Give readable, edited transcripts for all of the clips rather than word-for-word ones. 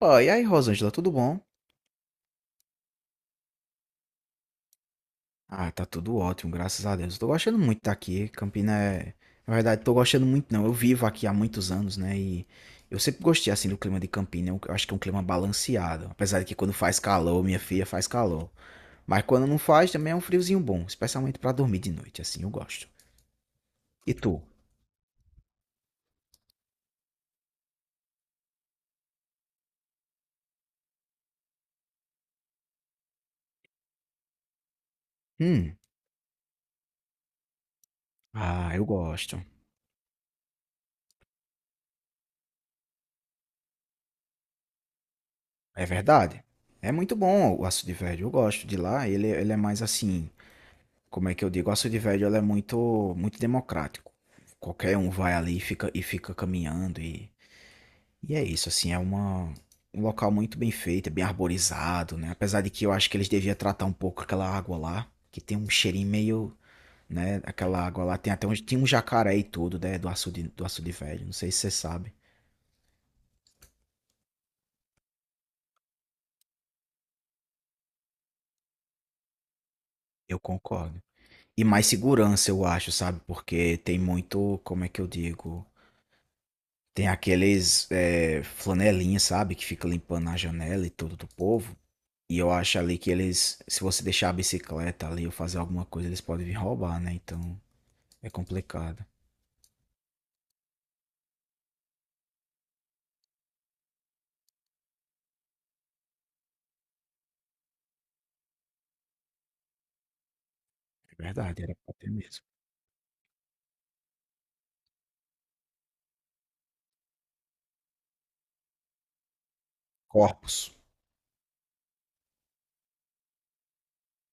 Ó, e aí, Rosângela, tudo bom? Ah, tá tudo ótimo, graças a Deus. Tô gostando muito de estar aqui. Campina é. Na verdade, tô gostando muito, não. Eu vivo aqui há muitos anos, né? E eu sempre gostei, assim, do clima de Campina. Eu acho que é um clima balanceado. Apesar de que quando faz calor, minha filha, faz calor. Mas quando não faz, também é um friozinho bom. Especialmente pra dormir de noite, assim, eu gosto. E tu? Hum. Ah, eu gosto. É verdade. É muito bom o Açude Verde. Eu gosto de lá. Ele é mais assim. Como é que eu digo? A Cidade Velho, ela é muito, muito democrático. Qualquer um vai ali e fica caminhando e é isso, assim, é uma, um local muito bem feito, é bem arborizado, né? Apesar de que eu acho que eles deviam tratar um pouco aquela água lá, que tem um cheirinho meio, né? Aquela água lá tem até um, tinha um jacaré e tudo, né? Do açude velho, não sei se você sabe. Eu concordo. E mais segurança, eu acho, sabe? Porque tem muito, como é que eu digo? Tem aqueles flanelinha, sabe? Que fica limpando a janela e tudo do povo. E eu acho ali que eles, se você deixar a bicicleta ali ou fazer alguma coisa, eles podem vir roubar, né? Então é complicado. É verdade, era pra ter mesmo. Corpus,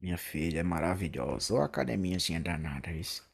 minha filha, é maravilhosa. Ô academiazinha danada, isso.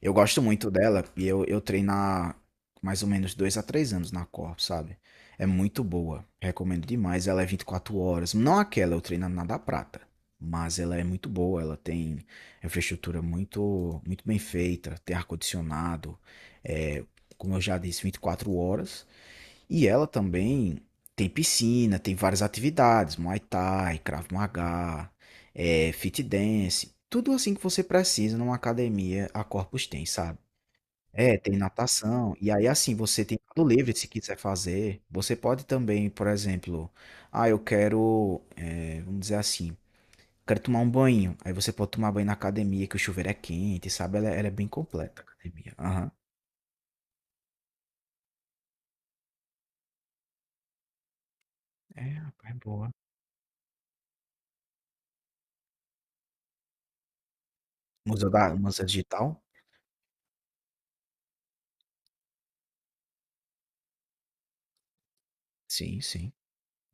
Eu gosto muito dela e eu treino há mais ou menos dois a três anos na Corp, sabe? É muito boa, recomendo demais. Ela é 24 horas, não aquela, eu treino na da Prata, mas ela é muito boa. Ela tem infraestrutura muito, muito bem feita, tem ar-condicionado, é, como eu já disse, 24 horas. E ela também tem piscina, tem várias atividades, Muay Thai, Krav Maga, fit dance, tudo assim que você precisa numa academia, a Corpus tem, sabe. É, tem natação, e aí assim, você tem tudo livre se quiser fazer. Você pode também, por exemplo, ah, eu quero, vamos dizer assim, quero tomar um banho. Aí você pode tomar banho na academia, que o chuveiro é quente, sabe? Ela é bem completa, a academia. Aham. É, rapaz, é boa. Museu da, Museu Digital? Sim, sim.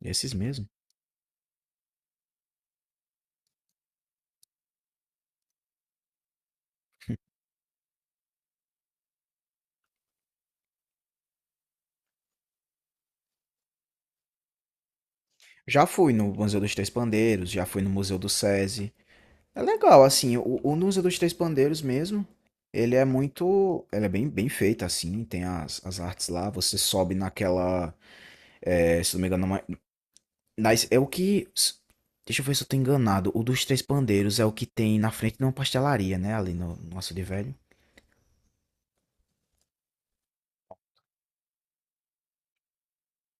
Esses mesmo. Já fui no Museu dos Três Pandeiros, já fui no Museu do SESI. É legal, assim, o Nusa dos Três Pandeiros mesmo, ele é muito, ele é bem, bem feito, assim, tem as, as artes lá, você sobe naquela, é, se não me engano, é uma- nas, é o que, s- deixa eu ver se eu tô enganado, o dos Três Pandeiros é o que tem na frente de uma pastelaria, né, ali no Açude Velho,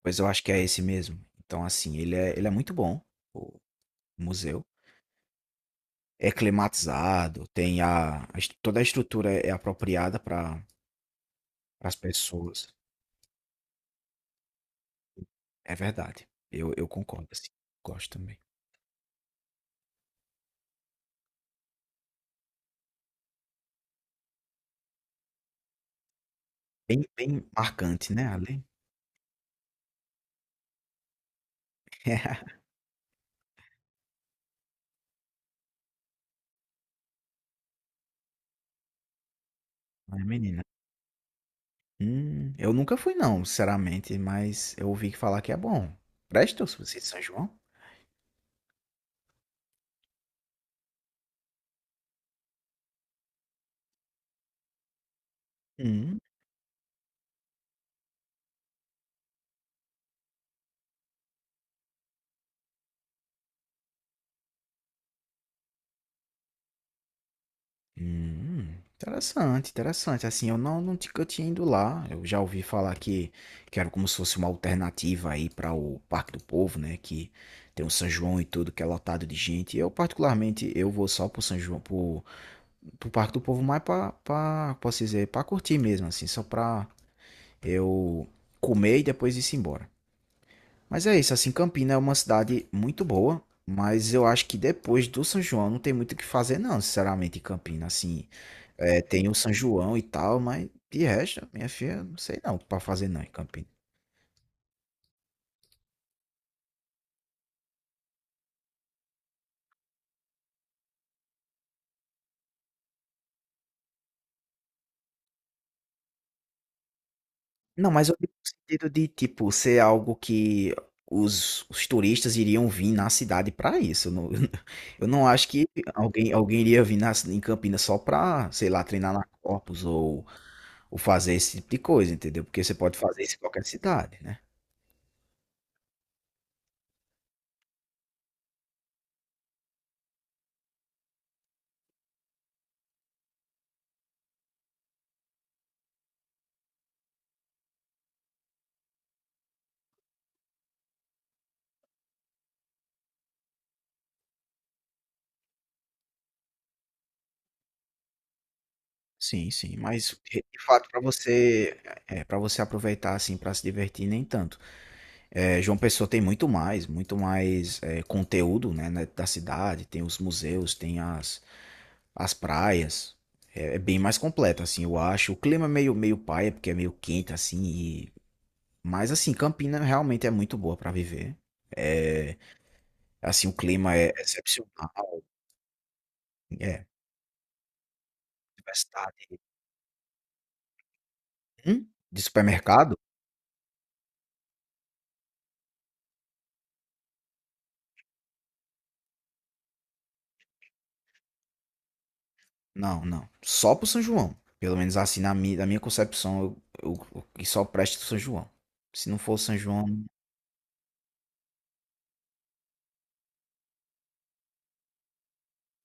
pois eu acho que é esse mesmo, então, assim, ele é muito bom, o museu, é climatizado, tem a est- toda a estrutura é apropriada para as pessoas. É verdade. Eu concordo, assim. Gosto também. Bem, bem marcante, né, ali. Mas, menina, eu nunca fui não, sinceramente, mas eu ouvi falar que é bom. Presta os doces de São João? Hum, interessante, interessante. Assim, eu não nunca tinha ido lá. Eu já ouvi falar que era como se fosse uma alternativa aí para o Parque do Povo, né, que tem o São João e tudo, que é lotado de gente. Eu particularmente, eu vou só pro São João para pro Parque do Povo mais pra, pra, posso dizer, pra curtir mesmo, assim, só pra eu comer e depois ir-se embora. Mas é isso, assim, Campina é uma cidade muito boa, mas eu acho que depois do São João não tem muito o que fazer, não, sinceramente, em Campina, assim, é, tem o São João e tal, mas de resto, minha filha, não sei não o que pra fazer não em Campina. Não, mas eu digo no sentido de, tipo, ser algo que os turistas iriam vir na cidade para isso. Eu não, eu não acho que alguém iria vir na, em Campinas só para, sei lá, treinar na Corpus ou fazer esse tipo de coisa, entendeu? Porque você pode fazer isso em qualquer cidade, né? Sim, sim, mas de fato para você é, para você aproveitar assim para se divertir nem tanto. É, João Pessoa tem muito mais é, conteúdo, né, da cidade, tem os museus, tem as, as praias. É, é bem mais completo, assim, eu acho. O clima é meio, meio paia, porque é meio quente, assim. E... Mas, assim, Campina realmente é muito boa para viver. É, assim, o clima é excepcional. É, diversidade. Hum? De supermercado? Não, não. Só pro São João. Pelo menos assim, na minha concepção, eu que só presta pro São João. Se não for o São João.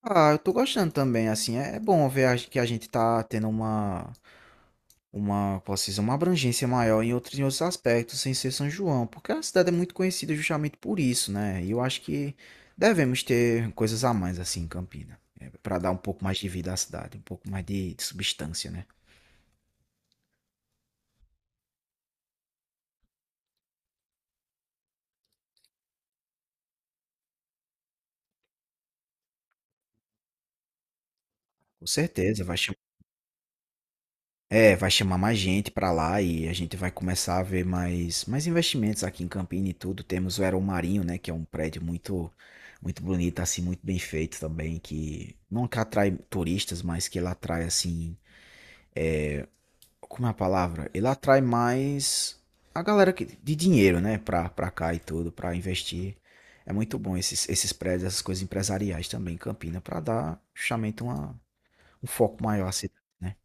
Ah, eu tô gostando também, assim. É, é bom ver a- que a gente tá tendo uma. Uma, posso dizer, uma abrangência maior em outros aspectos, sem ser São João, porque a cidade é muito conhecida justamente por isso, né? E eu acho que devemos ter coisas a mais assim em Campina, para dar um pouco mais de vida à cidade, um pouco mais de substância, né? Com certeza, vai chamar, é, vai chamar mais gente para lá e a gente vai começar a ver mais, mais investimentos aqui em Campina e tudo. Temos o Aeromarinho, né, que é um prédio muito, muito bonito, assim, muito bem feito também, que não, que atrai turistas, mas que ele atrai assim, como é a palavra? Ele atrai mais a galera que, de dinheiro, né? Pra, pra cá e tudo, pra investir. É muito bom esses, esses prédios, essas coisas empresariais também em Campina, pra dar justamente uma, um foco maior à cidade, né?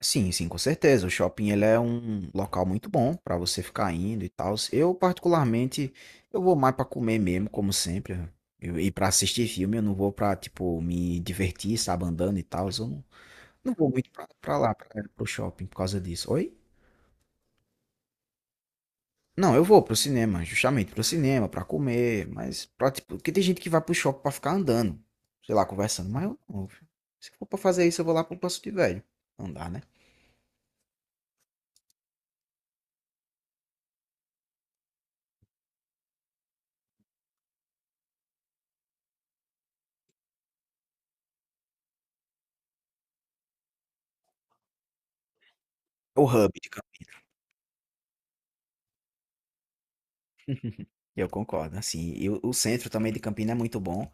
Sim, sim, com certeza. O shopping ele é um local muito bom pra você ficar indo e tal. Eu, particularmente, eu vou mais pra comer mesmo, como sempre. Eu, e pra assistir filme, eu não vou pra, tipo, me divertir, sabe, andando e tal. Eu não, não vou muito pra, pra lá, pra, pro shopping, por causa disso. Oi? Não, eu vou pro cinema, justamente pro cinema, pra comer, mas pra, tipo, porque tem gente que vai pro shopping pra ficar andando, sei lá, conversando, mas eu não, filho. Se for pra fazer isso, eu vou lá pro Passo de Velho. Não dá, né? O hub de Campinas, eu concordo, assim, e o centro também de Campinas é muito bom.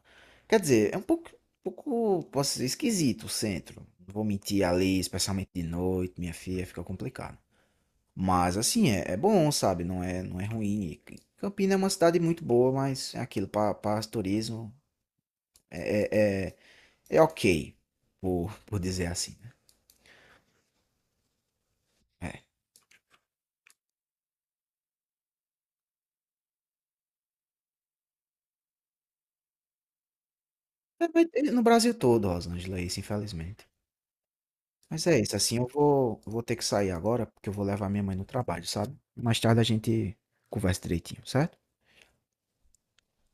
Quer dizer, é um pouco, posso dizer, esquisito o centro. Não vou mentir ali, especialmente de noite, minha filha, fica complicado. Mas assim, é, é bom, sabe? Não é ruim. E Campinas é uma cidade muito boa, mas é aquilo, para turismo, é, é- é É ok, por dizer assim, né. É. É, vai ter no Brasil todo, Rosângela, é isso, infelizmente. Mas é isso, assim, eu vou ter que sair agora, porque eu vou levar minha mãe no trabalho, sabe. Mais tarde a gente conversa direitinho, certo?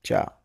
Tchau.